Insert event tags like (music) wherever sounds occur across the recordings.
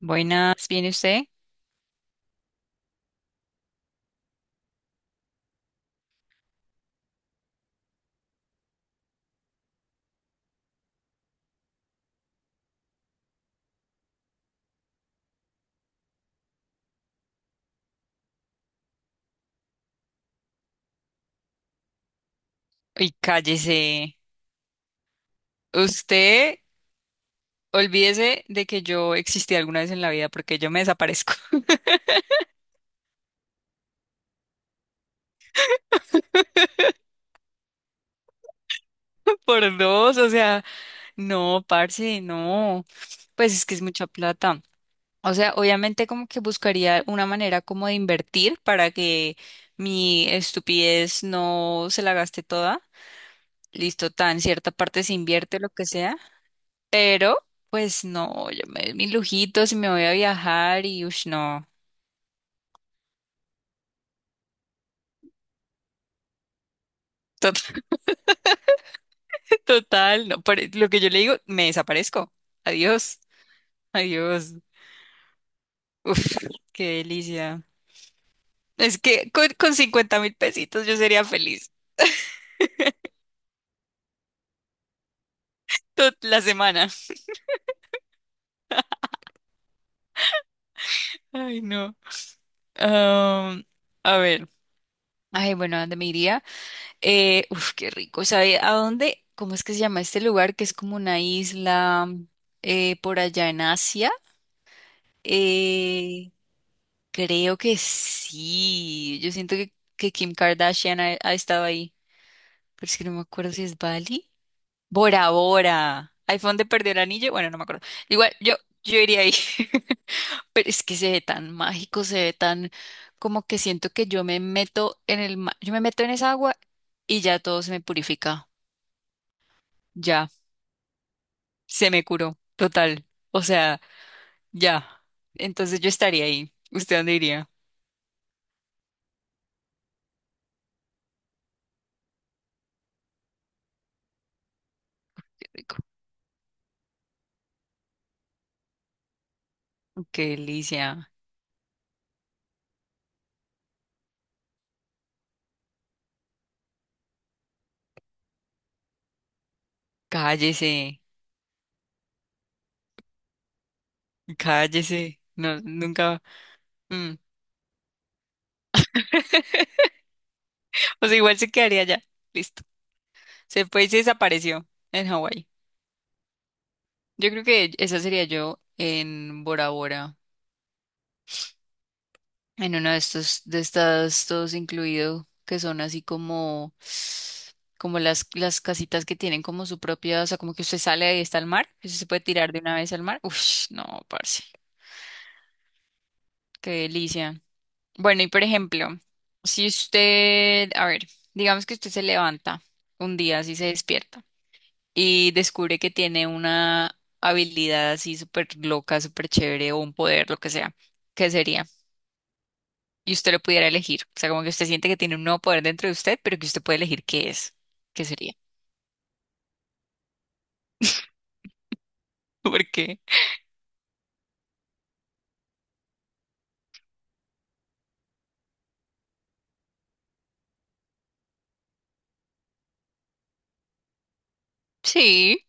Buenas, ¿viene usted? Y cállese. Usted, olvídese de que yo existí alguna vez en la vida porque yo me desaparezco (laughs) por dos. O sea, no, parce, no. Pues es que es mucha plata. O sea, obviamente como que buscaría una manera como de invertir para que mi estupidez no se la gaste toda. Listo, tan cierta parte se invierte lo que sea, pero pues no, yo me doy mis lujitos y me voy a viajar y ush, no. Total, no, por lo que yo le digo, me desaparezco. Adiós, adiós. Uf, qué delicia. Es que con 50 mil pesitos yo sería feliz toda la semana. Ay, no. Am, a ver. Ay, bueno, ¿a ¿dónde me iría? Uf, qué rico. ¿Sabe a dónde? ¿Cómo es que se llama este lugar? Que es como una isla por allá en Asia. Eh, creo que sí. Yo siento que Kim Kardashian ha estado ahí. Pero es que no me acuerdo si es Bali. Bora Bora. Ahí fue donde perdió el anillo. Bueno, no me acuerdo. Igual, yo iría ahí. (laughs) Pero es que se ve tan mágico, se ve tan como que siento que yo me meto en el yo me meto en esa agua y ya todo se me purifica. Ya, se me curó. Total. O sea, ya. Entonces yo estaría ahí. ¿Usted dónde iría? Rico. Qué delicia. Cállese. Cállese. No, nunca. Mm. O sea, igual se quedaría allá. Listo. Se fue y se desapareció en Hawái. Yo creo que esa sería yo en Bora Bora, en uno de estos, de estas, todos incluido, que son así como, como las casitas que tienen como su propia, o sea, como que usted sale y está al mar, que usted se puede tirar de una vez al mar. Uf, no, parce, qué delicia. Bueno, y por ejemplo, si usted, a ver, digamos que usted se levanta un día, así se despierta. Y descubre que tiene una habilidad así súper loca, súper chévere o un poder, lo que sea, ¿qué sería? Y usted lo pudiera elegir. O sea, como que usted siente que tiene un nuevo poder dentro de usted, pero que usted puede elegir qué es. ¿Qué sería? (laughs) ¿Por qué? Sí.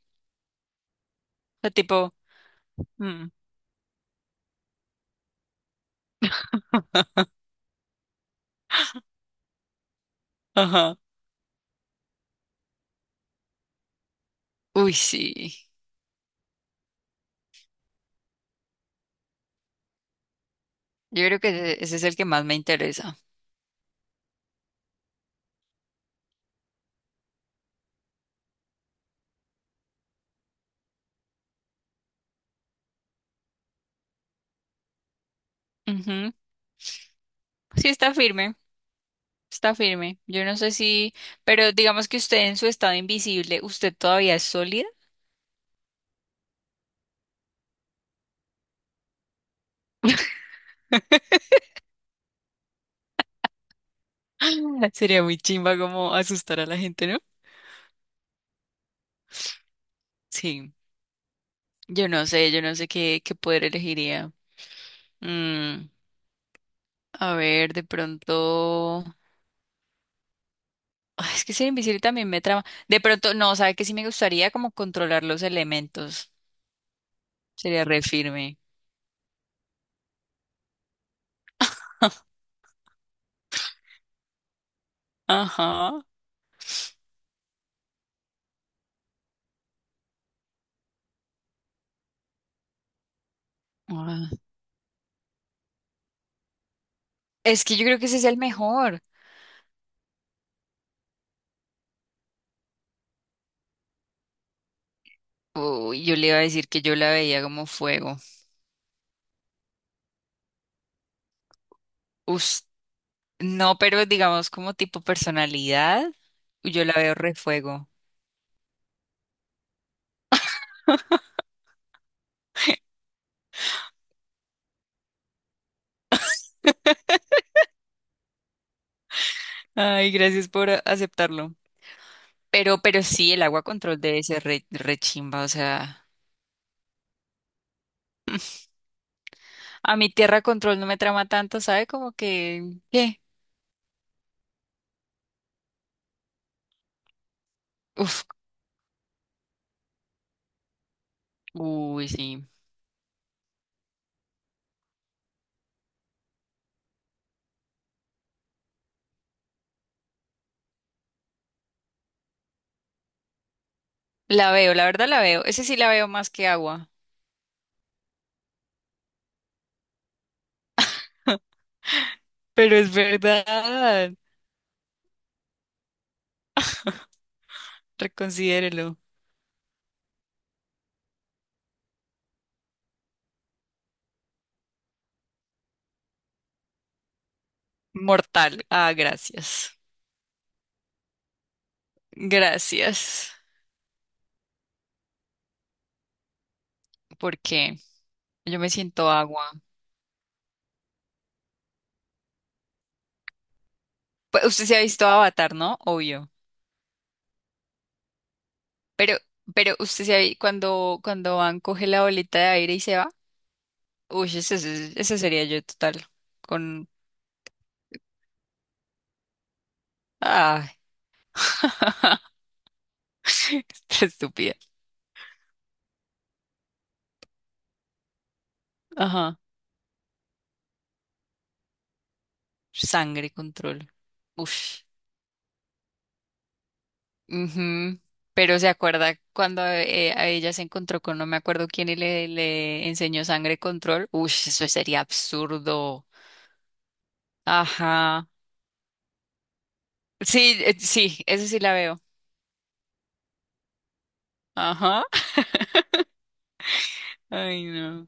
O sea, tipo, mm, (laughs) ajá. Uy, sí. Yo creo que ese es el que más me interesa. Ujú. Sí, está firme. Está firme. Yo no sé si, pero digamos que usted en su estado invisible, ¿usted todavía es sólida? (laughs) Sería muy chimba como asustar a la gente, ¿no? Sí, yo no sé qué poder elegiría. Mm, a ver, de pronto... Ay, es que ser invisible también me trama. De pronto, no, ¿sabe que sí me gustaría como controlar los elementos? Sería re firme. Ajá. Ah, es que yo creo que ese es el mejor. Uy, yo le iba a decir que yo la veía como fuego. Us- no, pero digamos como tipo personalidad, yo la veo re fuego. Ay, gracias por aceptarlo. Pero sí, el agua control debe ser re, re chimba, o sea, a mi tierra control no me trama tanto, ¿sabe? Como que, ¿qué? Uf, uy, sí. La veo, la verdad la veo. Ese sí la veo más que agua. Pero es verdad. Reconsidérelo. Mortal. Ah, gracias. Gracias. Porque yo me siento agua. Pues, usted se ha visto Avatar, ¿no? Obvio. Pero, pero usted se ha cuando, cuando van, coge la bolita de aire y se va. Uy, ese sería yo total. Con. Ah, (laughs) está estúpida. Ajá. Sangre, control. Uff. Ujú. Pero se acuerda cuando a ella se encontró con no me acuerdo quién y le enseñó sangre, control. Uy, eso sería absurdo. Ajá. Sí, sí, eso sí la veo. Ajá. (laughs) Ay, no.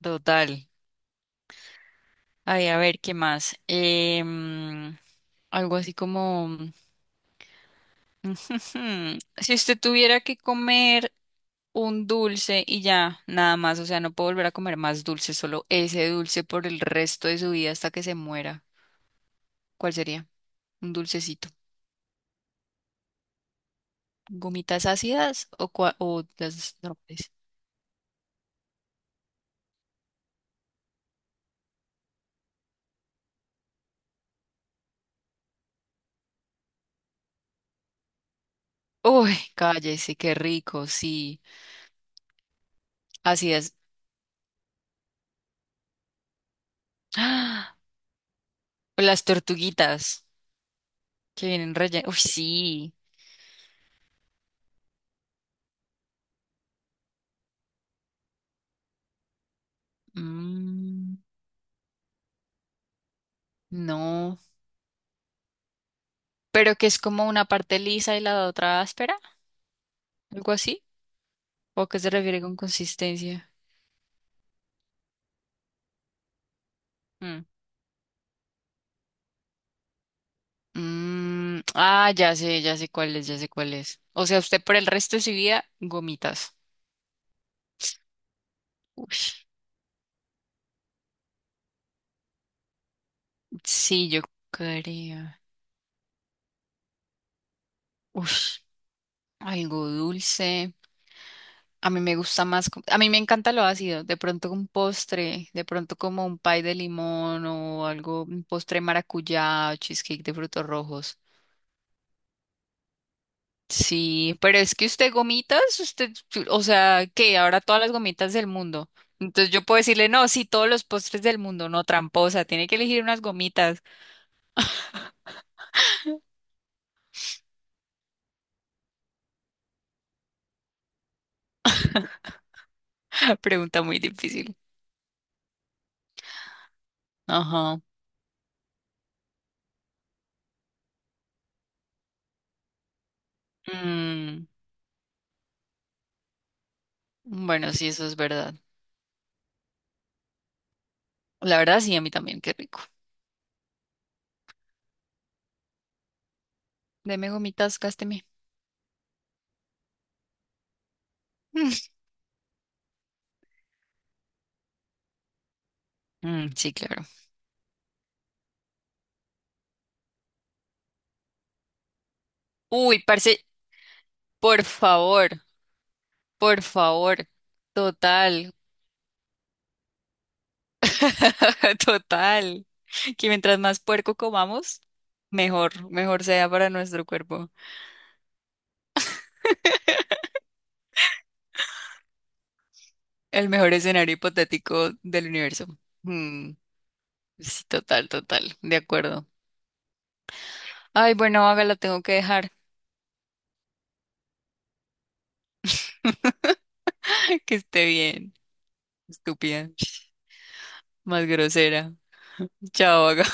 Total. Ay, a ver, ¿qué más? Algo así como. Si usted tuviera que comer un dulce y ya, nada más, o sea, no puedo volver a comer más dulce, solo ese dulce por el resto de su vida hasta que se muera, ¿cuál sería? Un dulcecito. ¿Gomitas ácidas o, o las normales? Uy, cállese, qué rico, sí. Ácidas. ¡Ah! O las tortuguitas que vienen rellenas. Uy, sí. Mm, no. Pero que es como una parte lisa y la otra áspera, algo así. ¿O a qué se refiere con consistencia? Mm. Mm, ah, ya sé cuál es, ya sé cuál es. O sea, usted por el resto de su vida, gomitas. Ush. Sí, yo creo. Ush. Algo dulce. A mí me gusta más, a mí me encanta lo ácido, de pronto un postre, de pronto como un pie de limón o algo, un postre de maracuyá, o cheesecake de frutos rojos. Sí, pero es que usted gomitas, usted, o sea, que ahora todas las gomitas del mundo. Entonces yo puedo decirle, no, sí, todos los postres del mundo, no, tramposa, tiene que elegir unas gomitas. (laughs) Pregunta muy difícil. Ajá. Mm, bueno, sí, eso es verdad. La verdad, sí, a mí también, qué rico. Deme gomitas, gásteme. (laughs) Mm, sí, claro. Uy, parce, por favor, por favor. Total. (laughs) Total. Que mientras más puerco comamos, mejor, mejor sea para nuestro cuerpo. El mejor escenario hipotético del universo. Mm, sí, total, total. De acuerdo. Ay, bueno, hágala, tengo que dejar. (laughs) Que esté bien. Estúpida. Más grosera. Chao, Vaga.